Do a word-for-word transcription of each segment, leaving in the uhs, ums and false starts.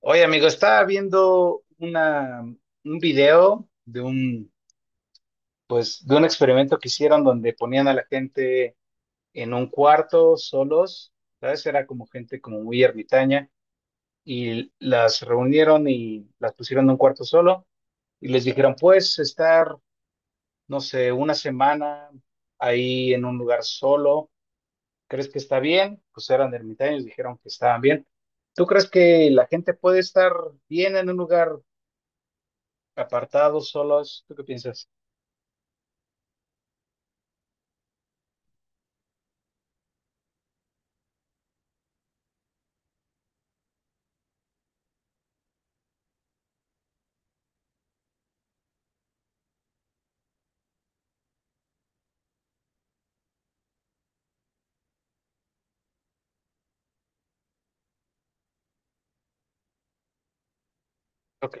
Oye, amigo, estaba viendo una, un video de un, pues, de un experimento que hicieron donde ponían a la gente en un cuarto solos, ¿sabes? Era como gente como muy ermitaña y las reunieron y las pusieron en un cuarto solo y les dijeron, pues, estar, no sé, una semana ahí en un lugar solo, ¿crees que está bien? Pues eran ermitaños, dijeron que estaban bien. ¿Tú crees que la gente puede estar bien en un lugar? Apartados, solos, ¿tú qué piensas? Ok,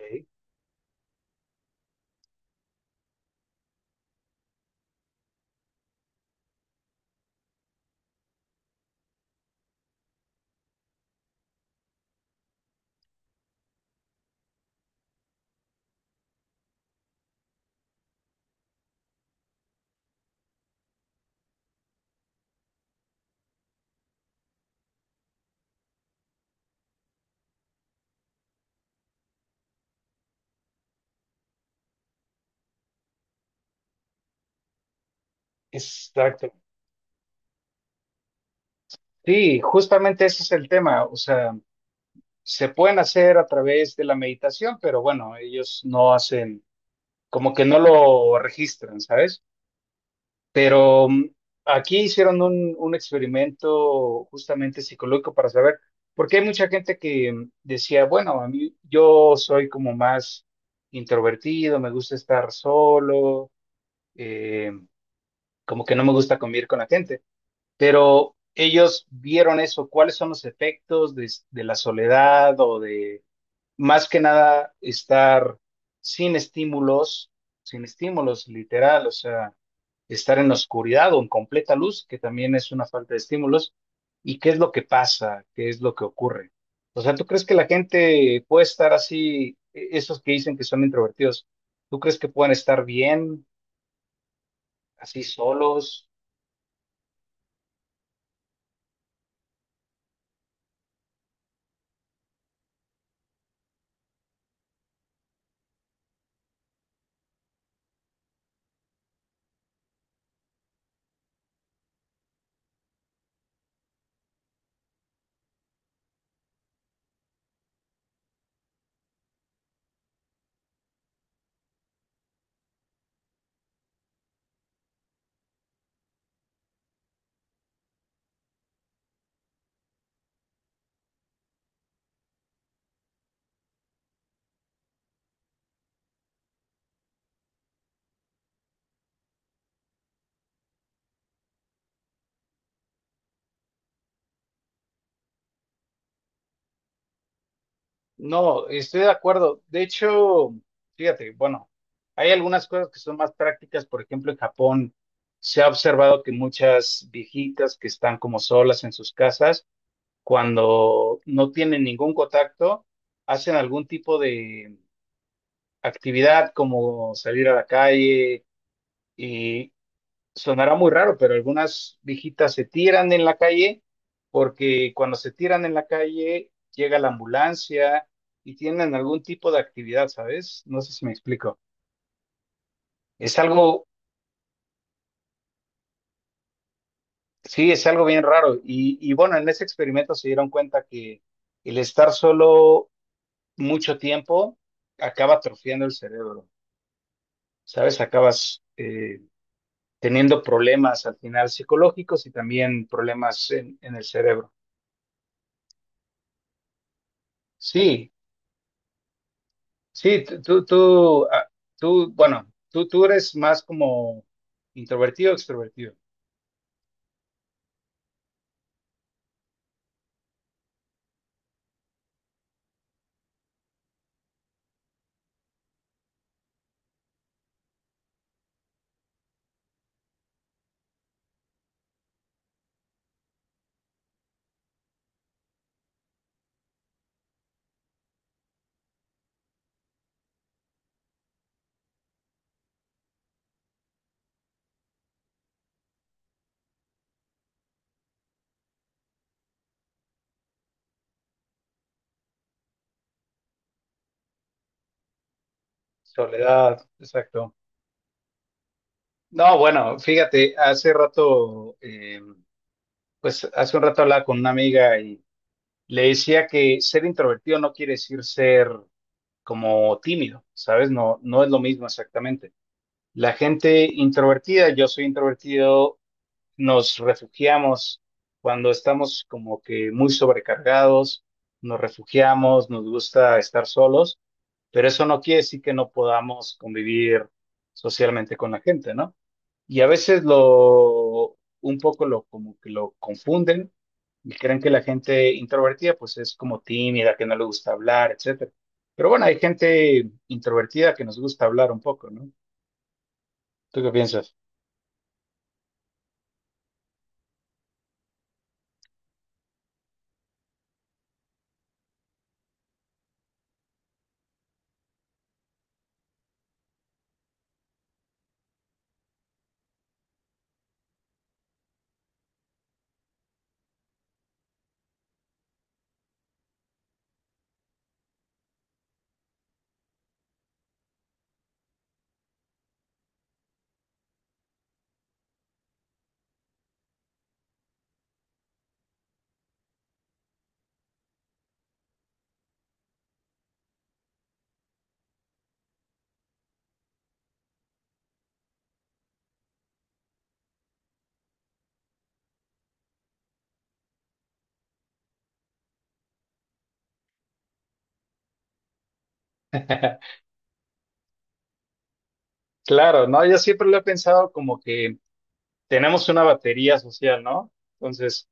exacto. Sí, justamente ese es el tema. O sea, se pueden hacer a través de la meditación, pero bueno, ellos no hacen, como que no lo registran, ¿sabes? Pero mm, aquí hicieron un, un experimento justamente psicológico para saber, porque hay mucha gente que mm, decía, bueno, a mí yo soy como más introvertido, me gusta estar solo, eh, como que no me gusta convivir con la gente. Pero ellos vieron eso, cuáles son los efectos de, de la soledad o de más que nada estar sin estímulos, sin estímulos literal, o sea, estar en oscuridad o en completa luz, que también es una falta de estímulos, y qué es lo que pasa, qué es lo que ocurre. O sea, ¿tú crees que la gente puede estar así? E- esos que dicen que son introvertidos, ¿tú crees que pueden estar bien así solos? No, estoy de acuerdo. De hecho, fíjate, bueno, hay algunas cosas que son más prácticas. Por ejemplo, en Japón se ha observado que muchas viejitas que están como solas en sus casas, cuando no tienen ningún contacto, hacen algún tipo de actividad como salir a la calle. Y sonará muy raro, pero algunas viejitas se tiran en la calle porque cuando se tiran en la calle llega la ambulancia y tienen algún tipo de actividad, ¿sabes? No sé si me explico. Es algo, sí, es algo bien raro. Y, y bueno, en ese experimento se dieron cuenta que el estar solo mucho tiempo acaba atrofiando el cerebro, ¿sabes? Acabas eh, teniendo problemas al final psicológicos y también problemas en, en el cerebro. Sí, Sí, tú, tú, tú, ah, tú, bueno, tú, tú eres más como introvertido o extrovertido. Soledad, exacto. No, bueno, fíjate, hace rato, eh, pues hace un rato hablaba con una amiga y le decía que ser introvertido no quiere decir ser como tímido, ¿sabes? No, no es lo mismo exactamente. La gente introvertida, yo soy introvertido, nos refugiamos cuando estamos como que muy sobrecargados, nos refugiamos, nos gusta estar solos, pero eso no quiere decir que no podamos convivir socialmente con la gente, ¿no? Y a veces lo, un poco lo, como que lo confunden y creen que la gente introvertida pues es como tímida, que no le gusta hablar, etcétera. Pero bueno, hay gente introvertida que nos gusta hablar un poco, ¿no? ¿Tú qué piensas? Claro, no, yo siempre lo he pensado como que tenemos una batería social, ¿no? Entonces,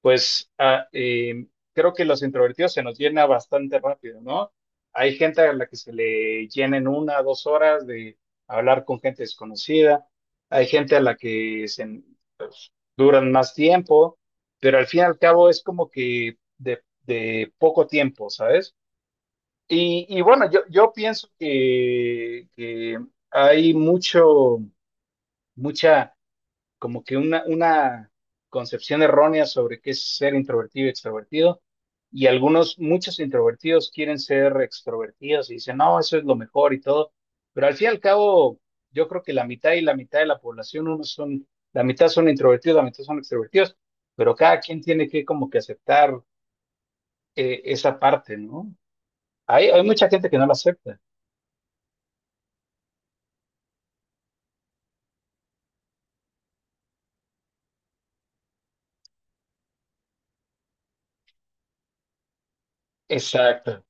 pues ah, eh, creo que los introvertidos se nos llena bastante rápido, ¿no? Hay gente a la que se le llena en una o dos horas de hablar con gente desconocida, hay gente a la que se, pues, duran más tiempo, pero al fin y al cabo es como que de, de poco tiempo, ¿sabes? Y, y bueno, yo, yo pienso que, que hay mucho, mucha como que una, una concepción errónea sobre qué es ser introvertido y extrovertido. Y algunos, muchos introvertidos quieren ser extrovertidos y dicen, no, eso es lo mejor y todo. Pero al fin y al cabo, yo creo que la mitad y la mitad de la población, unos son, la mitad son introvertidos, la mitad son extrovertidos, pero cada quien tiene que como que aceptar eh, esa parte, ¿no? Hay, hay mucha gente que no la acepta. Exacto.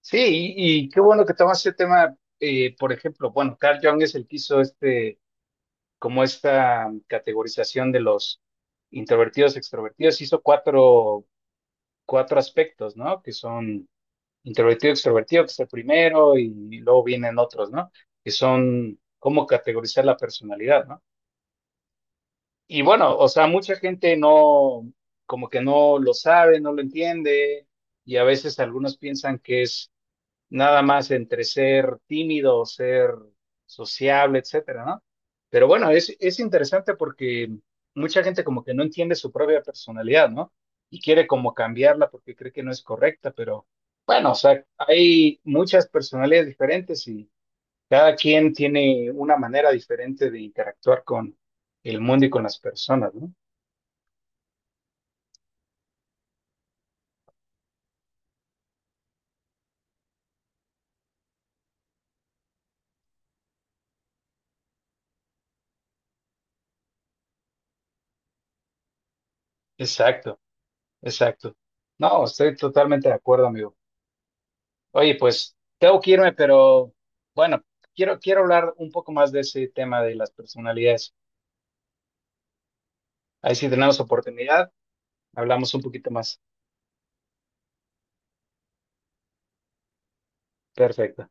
Sí, y, y qué bueno que tomas ese tema. eh, por ejemplo, bueno, Carl Jung es el que hizo este como esta categorización de los introvertidos, extrovertidos, hizo cuatro, cuatro aspectos, ¿no? Que son introvertido, extrovertido, que es el primero, y, y luego vienen otros, ¿no? Que son cómo categorizar la personalidad, ¿no? Y bueno, o sea, mucha gente no, como que no lo sabe, no lo entiende, y a veces algunos piensan que es nada más entre ser tímido o ser sociable, etcétera, ¿no? Pero bueno, es, es interesante porque mucha gente como que no entiende su propia personalidad, ¿no? Y quiere como cambiarla porque cree que no es correcta, pero bueno, o sea, hay muchas personalidades diferentes y cada quien tiene una manera diferente de interactuar con el mundo y con las personas, ¿no? Exacto, exacto. No, estoy totalmente de acuerdo, amigo. Oye, pues tengo que irme, pero bueno, quiero, quiero hablar un poco más de ese tema de las personalidades. Ahí si tenemos oportunidad, hablamos un poquito más. Perfecto.